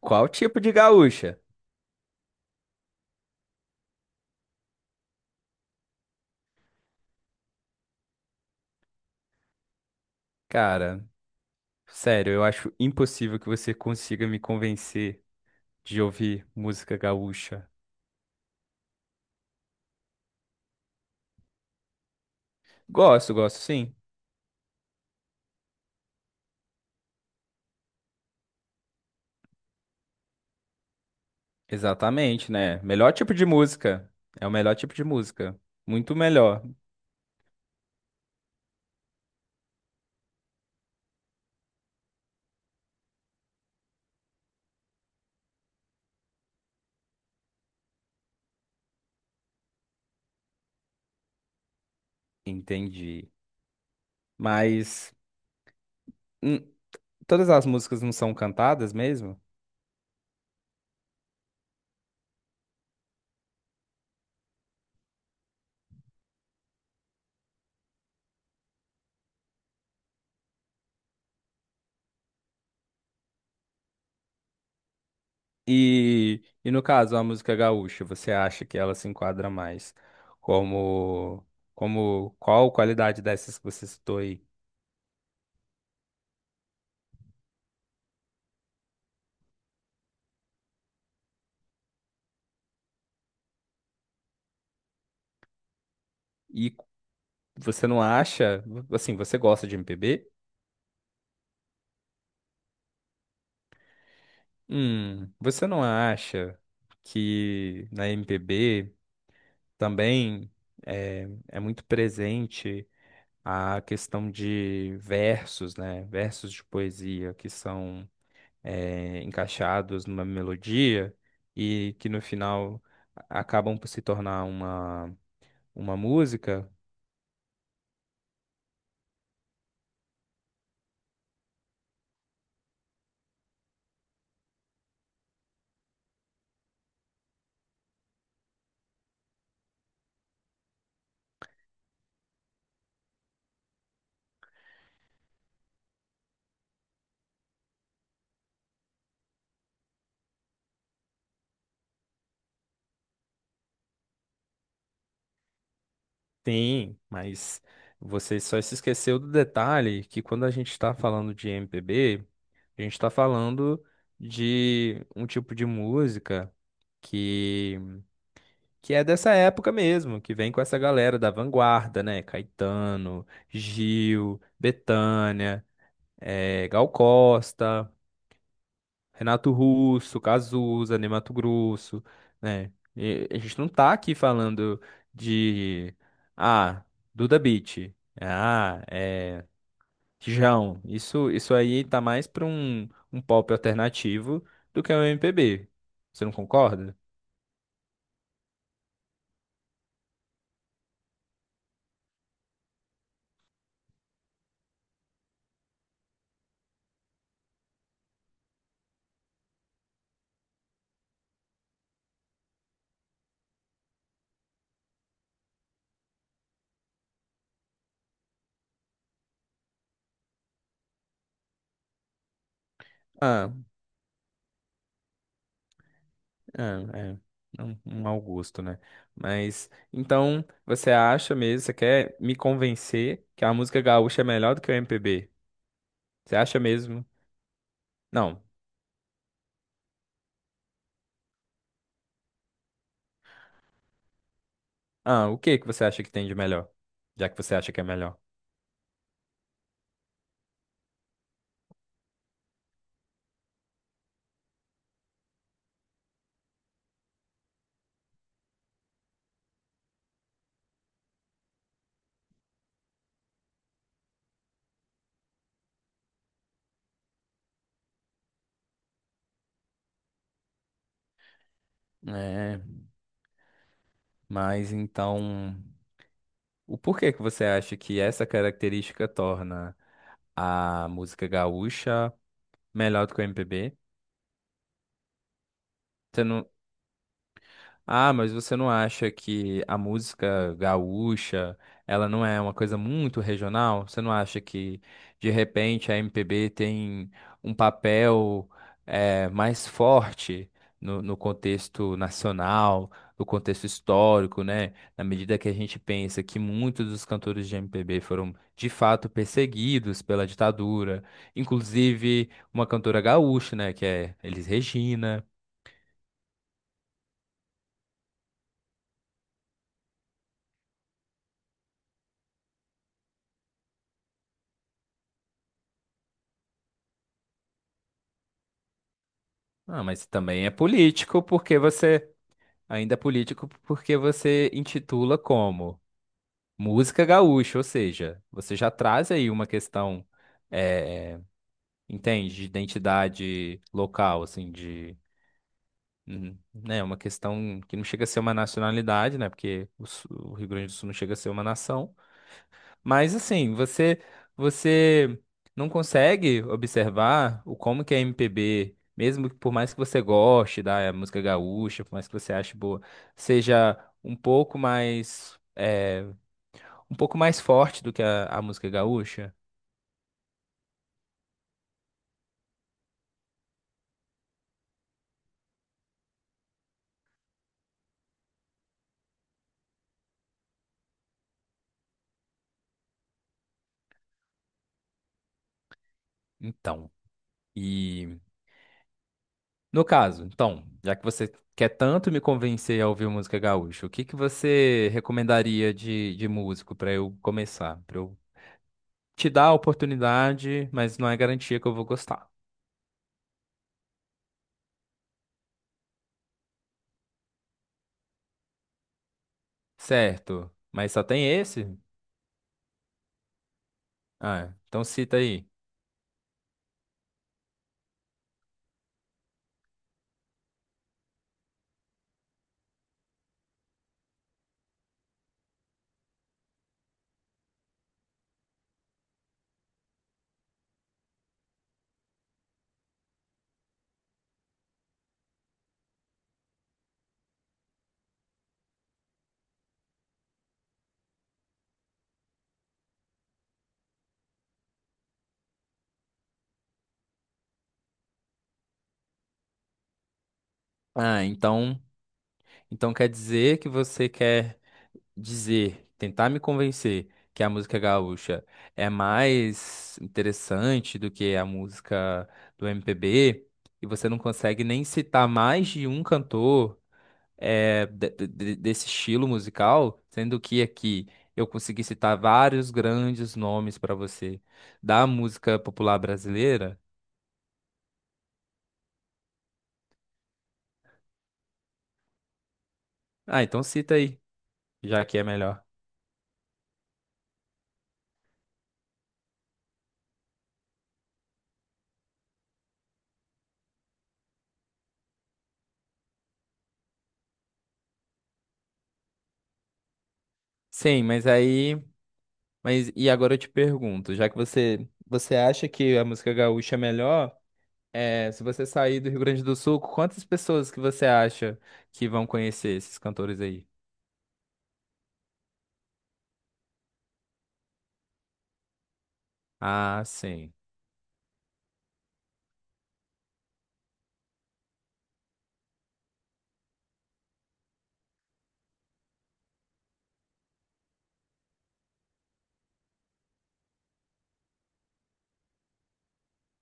Qual tipo de gaúcha? Cara, sério, eu acho impossível que você consiga me convencer de ouvir música gaúcha. Gosto, gosto sim. Exatamente, né? Melhor tipo de música. É o melhor tipo de música. Muito melhor. Entendi. Mas hum, todas as músicas não são cantadas mesmo? E no caso, a música gaúcha, você acha que ela se enquadra mais como, como qual qualidade dessas que você citou aí? Você não acha, assim, você gosta de MPB? Você não acha que na MPB também é muito presente a questão de versos, né? Versos de poesia que são encaixados numa melodia e que no final acabam por se tornar uma música? Sim, mas você só se esqueceu do detalhe que quando a gente está falando de MPB, a gente está falando de um tipo de música que, que é dessa época mesmo, que vem com essa galera da vanguarda, né? Caetano, Gil, Bethânia, Gal Costa, Renato Russo, Cazuza, Ney Matogrosso, né? E a gente não tá aqui falando de, ah, Duda Beat, ah, João, isso aí tá mais pra um, um pop alternativo do que um MPB. Você não concorda? Ah, é, é. Um mau gosto, né? Mas, então, você acha mesmo, você quer me convencer que a música gaúcha é melhor do que o MPB? Você acha mesmo? Não. Ah, o que que você acha que tem de melhor? Já que você acha que é melhor. É, mas então, o porquê que você acha que essa característica torna a música gaúcha melhor do que o MPB? Ah, mas você não acha que a música gaúcha, ela não é uma coisa muito regional? Você não acha que, de repente, a MPB tem um papel mais forte no, no contexto nacional, no contexto histórico, né? Na medida que a gente pensa que muitos dos cantores de MPB foram, de fato, perseguidos pela ditadura, inclusive uma cantora gaúcha, né, que é Elis Regina. Ah, mas também é político porque você. Ainda é político porque você intitula como música gaúcha, ou seja, você já traz aí uma questão, eh, entende, de identidade local, assim, de. Hum, né, uma questão que não chega a ser uma nacionalidade, né? Porque o o Rio Grande do Sul não chega a ser uma nação. Mas assim, você não consegue observar o como que a MPB, mesmo que por mais que você goste da música gaúcha, por mais que você ache boa, seja um pouco mais um pouco mais forte do que a música gaúcha? Então, e no caso, então, já que você quer tanto me convencer a ouvir música gaúcha, o que que você recomendaria de músico para eu começar, para eu te dar a oportunidade, mas não é garantia que eu vou gostar. Certo. Mas só tem esse? Ah, então cita aí. Ah, então, então quer dizer que você quer dizer, tentar me convencer que a música gaúcha é mais interessante do que a música do MPB e você não consegue nem citar mais de um cantor desse estilo musical, sendo que aqui eu consegui citar vários grandes nomes para você da música popular brasileira. Ah, então cita aí. Já que é melhor. Sim, mas aí. Mas e agora eu te pergunto, já que você acha que a música gaúcha é melhor, é, se você sair do Rio Grande do Sul, quantas pessoas que você acha que vão conhecer esses cantores aí? Ah, sim,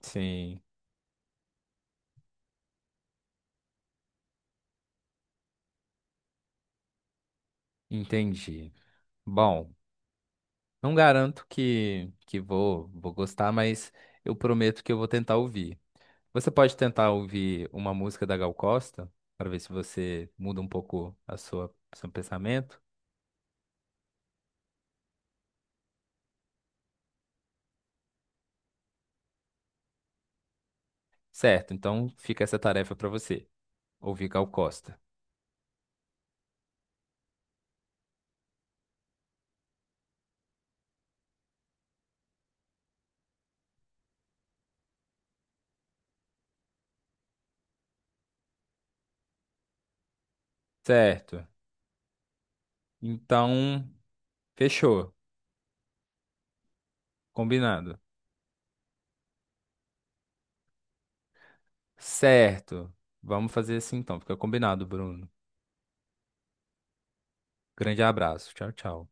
sim, entendi. Bom, não garanto que vou gostar, mas eu prometo que eu vou tentar ouvir. Você pode tentar ouvir uma música da Gal Costa para ver se você muda um pouco a sua seu pensamento? Certo, então fica essa tarefa para você, ouvir Gal Costa. Certo, então fechou, combinado. Certo, vamos fazer assim então, fica combinado, Bruno. Grande abraço, tchau, tchau.